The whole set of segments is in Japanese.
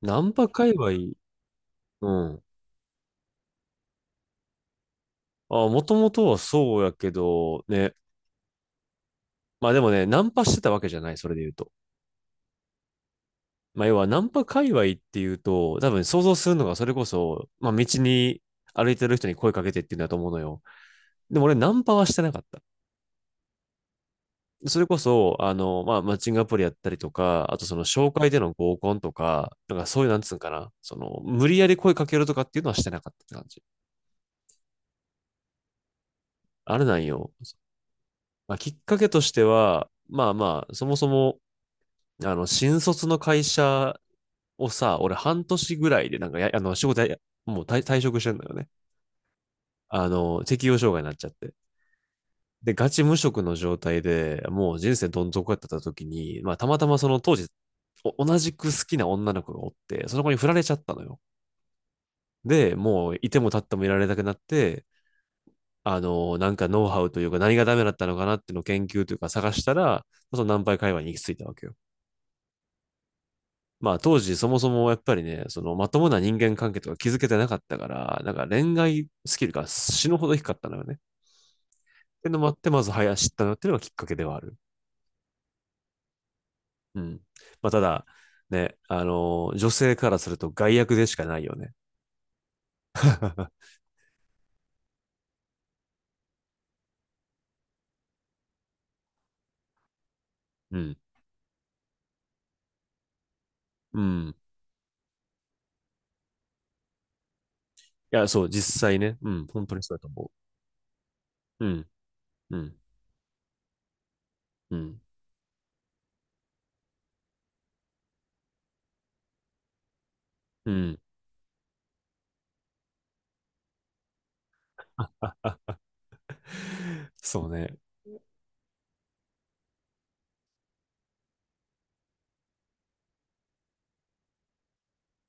ナンパ界隈、うん。あ、もともとはそうやけど、ね。まあでもね、ナンパしてたわけじゃない、それで言うと。まあ要は、ナンパ界隈っていうと、多分想像するのがそれこそ、まあ道に歩いてる人に声かけてっていうんだと思うのよ。でも俺、ナンパはしてなかった。それこそ、まあ、マッチングアプリやったりとか、あとその紹介での合コンとか、なんかそういう、なんつうんかな、その、無理やり声かけるとかっていうのはしてなかったって感じ。あれなんよ。まあ、きっかけとしては、まあまあ、そもそも、新卒の会社をさ、俺半年ぐらいでなんかや、仕事や、もう退職してんだよね。あの、適応障害になっちゃって。で、ガチ無職の状態でもう人生どん底やってた時に、まあ、たまたまその当時、お同じく好きな女の子がおって、その子に振られちゃったのよ。で、もういても立ってもいられなくなって、なんかノウハウというか何がダメだったのかなっていうのを研究というか探したら、そのナンパイ会話に行き着いたわけよ。まあ当時そもそもやっぱりね、そのまともな人間関係とか築けてなかったから、なんか恋愛スキルが死ぬほど低かったのよね。っていうのもあって、まず早知ったのっていうのがきっかけではある。うん。まあただ、ね、女性からすると害悪でしかないよね。うん。うん。いや、そう、実際ね。うん。本当にそうだと思う。うん。うん。うん。うん。そうね。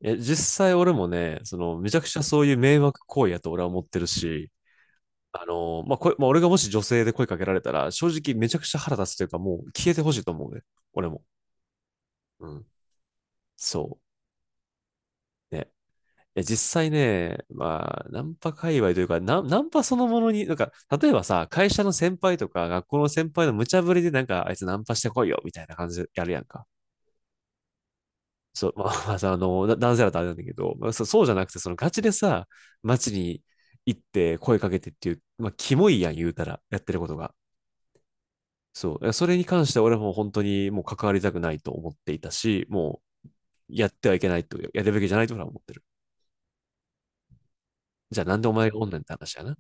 え、実際俺もね、その、めちゃくちゃそういう迷惑行為やと俺は思ってるし、まあ、こまあ、俺がもし女性で声かけられたら、正直めちゃくちゃ腹立つというか、もう消えてほしいと思うね。俺も。うん。そう。ね。え、実際ね、まあ、ナンパ界隈というか、ナン、ナンパそのものに、なんか、例えばさ、会社の先輩とか、学校の先輩の無茶ぶりで、なんか、あいつナンパしてこいよ、みたいな感じでやるやんか。そう、まあ、まあさ、な男性だとあれなんだけど、まあ、そそうじゃなくて、そのガチでさ、街に行って声かけてっていう、まあ、キモいやん、言うたら、やってることが。そう。それに関しては俺も本当にもう関わりたくないと思っていたし、もうやってはいけないと、やるべきじゃないと俺は思ってる。じゃあなんでお前がおんねんって話やな。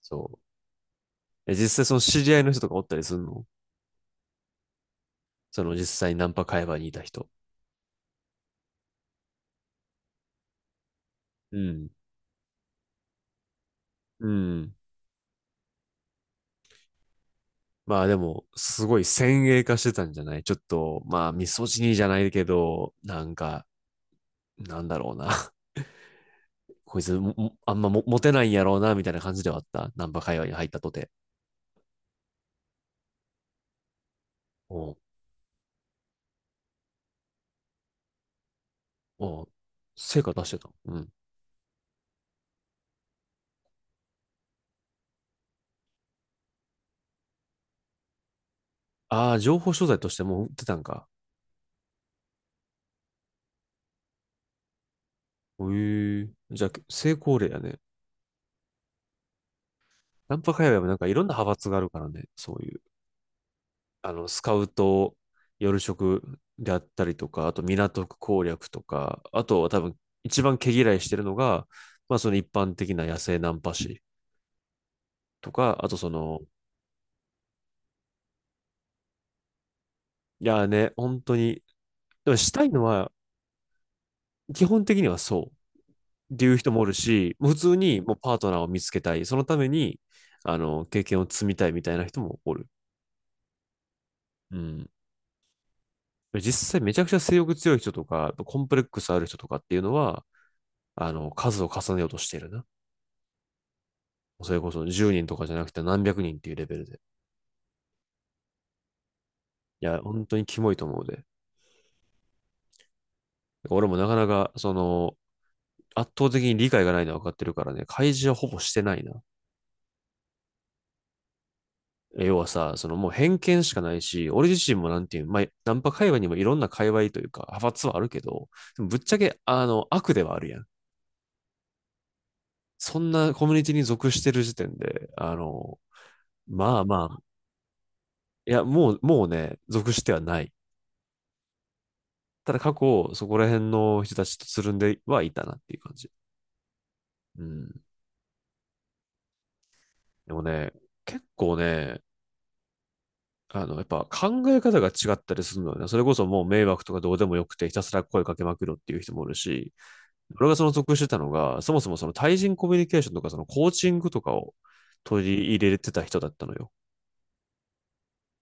そう。え実際その知り合いの人とかおったりするのその実際ナンパ会話にいた人。うん。うん。まあでも、すごい先鋭化してたんじゃないちょっと、まあ、ミソジニーじゃないけど、なんか、なんだろうな。こいつも、もあんまもモテないんやろうな、みたいな感じではあった。ナンパ会話に入ったとて。おうおう。成果出してた。うん。ああ、情報商材としてもう売ってたんか。ええじゃあ、成功例やね。ナンパ界隈もなんかいろんな派閥があるからね。そういう、あの、スカウト、夜食であったりとか、あと港区攻略とか、あとは多分一番毛嫌いしてるのが、まあその一般的な野生ナンパ師とか、あとその、いやーね、本当に、でもしたいのは基本的にはそうっていう人もおるし、普通にもうパートナーを見つけたい、そのために、経験を積みたいみたいな人もおる。うん。実際めちゃくちゃ性欲強い人とか、コンプレックスある人とかっていうのは、数を重ねようとしてるな。それこそ10人とかじゃなくて何百人っていうレベルで。いや、本当にキモいと思うで。俺もなかなか、その、圧倒的に理解がないのは分かってるからね、開示はほぼしてないな。要はさ、そのもう偏見しかないし、俺自身もなんていう、まあ、ナンパ界隈にもいろんな界隈というか、派閥はあるけど、ぶっちゃけ、悪ではあるやん。そんなコミュニティに属してる時点で、まあまあいや、もう、もうね、属してはない。ただ過去、そこら辺の人たちとつるんではいたなっていう感じ。うん。でもね、結構ね、やっぱ考え方が違ったりするのよね。それこそもう迷惑とかどうでもよくてひたすら声かけまくるっていう人もいるし、俺がその属してたのが、そもそもその対人コミュニケーションとかそのコーチングとかを取り入れてた人だったのよ。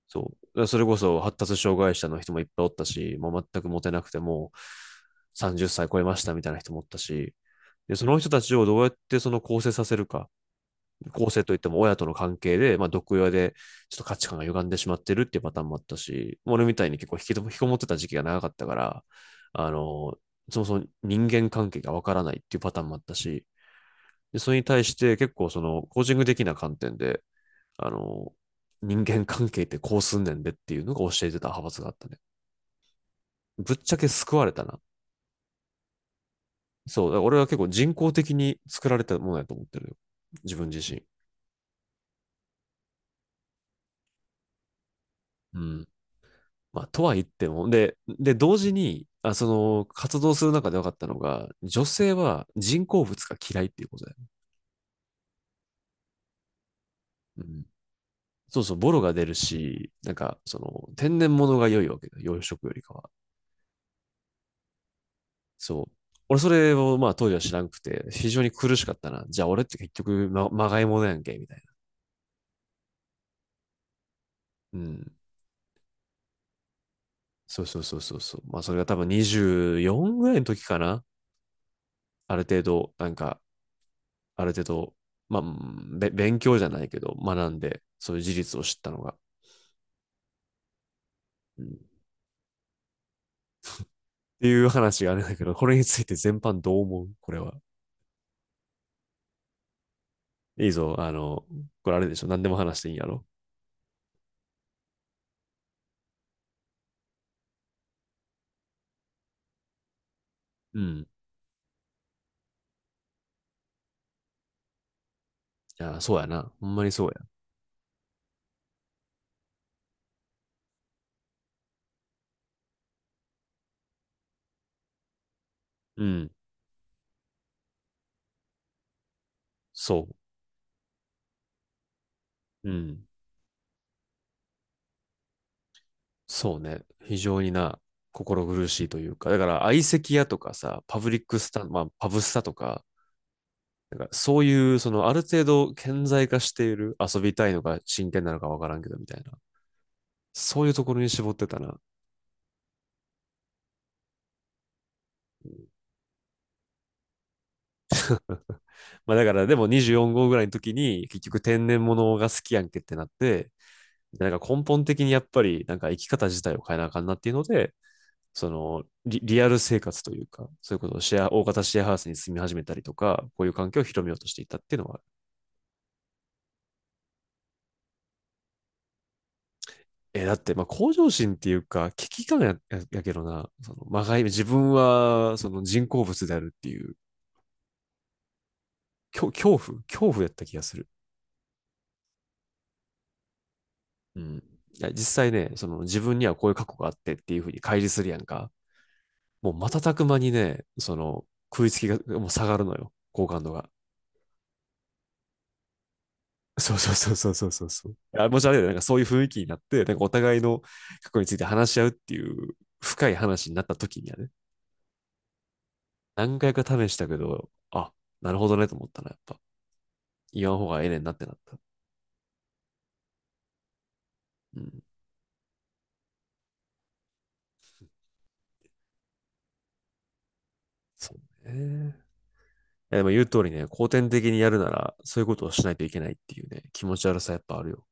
そう。それこそ発達障害者の人もいっぱいおったし、もう全くモテなくてもう30歳超えましたみたいな人もおったし、で、その人たちをどうやってその構成させるか、構成といっても親との関係で、まあ、毒親でちょっと価値観が歪んでしまってるっていうパターンもあったし、俺みたいに結構引きこもってた時期が長かったから、あの、そもそも人間関係がわからないっていうパターンもあったし、で、それに対して結構そのコーチング的な観点で、あの、人間関係ってこうすんねんでっていうのが教えてた派閥があったね。ぶっちゃけ救われたな。そう、だから俺は結構人工的に作られたものやと思ってるよ。自分自身。うん。まあ、とは言っても、で、同時に、その、活動する中で分かったのが、女性は人工物が嫌いっていうことだよ。うん。そうそう、ボロが出るし、なんか、その、天然物が良いわけだ養殖よりかは。そう。俺それをまあ当時は知らんくて、非常に苦しかったな。じゃあ俺って結局ま、まがいものやんけ、みたいな。うん。そう。まあそれが多分24ぐらいの時かな。ある程度、なんか、ある程度、まあ、うんべ勉強じゃないけど、学んで、そういう事実を知ったのが。うん、っていう話があるんだけど、これについて全般どう思うこれは。いいぞ。あの、これあれでしょ。何でも話していいんやろ。うん。いや、そうやな。ほんまにそうや。うん。そう。うん。そうね。非常にな、心苦しいというか、だから相席屋とかさ、パブリックスタン、まあ、パブスタとか、なんかそういう、そのある程度顕在化している、遊びたいのか真剣なのかわからんけどみたいな。そういうところに絞ってたな。まあだからでも24号ぐらいの時に結局天然物が好きやんけってなって、なんか根本的にやっぱりなんか生き方自体を変えなあかんなっていうので、そのリリアル生活というか、そういうことをシェア、大型シェアハウスに住み始めたりとか、こういう環境を広めようとしていたっていうのはえ、だって、まあ、向上心っていうか、危機感や、ややけどな、その、まがい、自分は、その人工物であるっていう、恐怖やった気がする。うん。いや、実際ね、その、自分にはこういう過去があってっていうふうに乖離するやんか。もう瞬く間にね、その、食いつきが、もう下がるのよ、好感度が。そう。あ、もしあれだよ、なんかそういう雰囲気になって、なんかお互いの過去について話し合うっていう深い話になった時にはね、何回か試したけど、あ、なるほどねと思ったな、やっぱ。言わん方がええねんなってなった。うん。そうね。えでも言う通りね、後天的にやるなら、そういうことをしないといけないっていうね、気持ち悪さやっぱあるよ。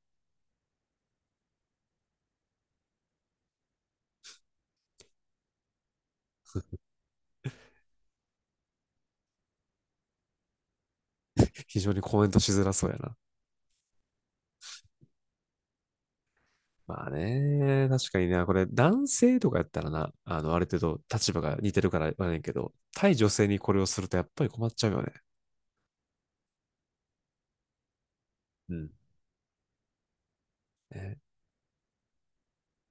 非常にコメントしづらそうやな。まあね、確かにね、これ男性とかやったらな、ある程度立場が似てるから言わねんけど、対女性にこれをするとやっぱり困っちゃうよね。うん。ね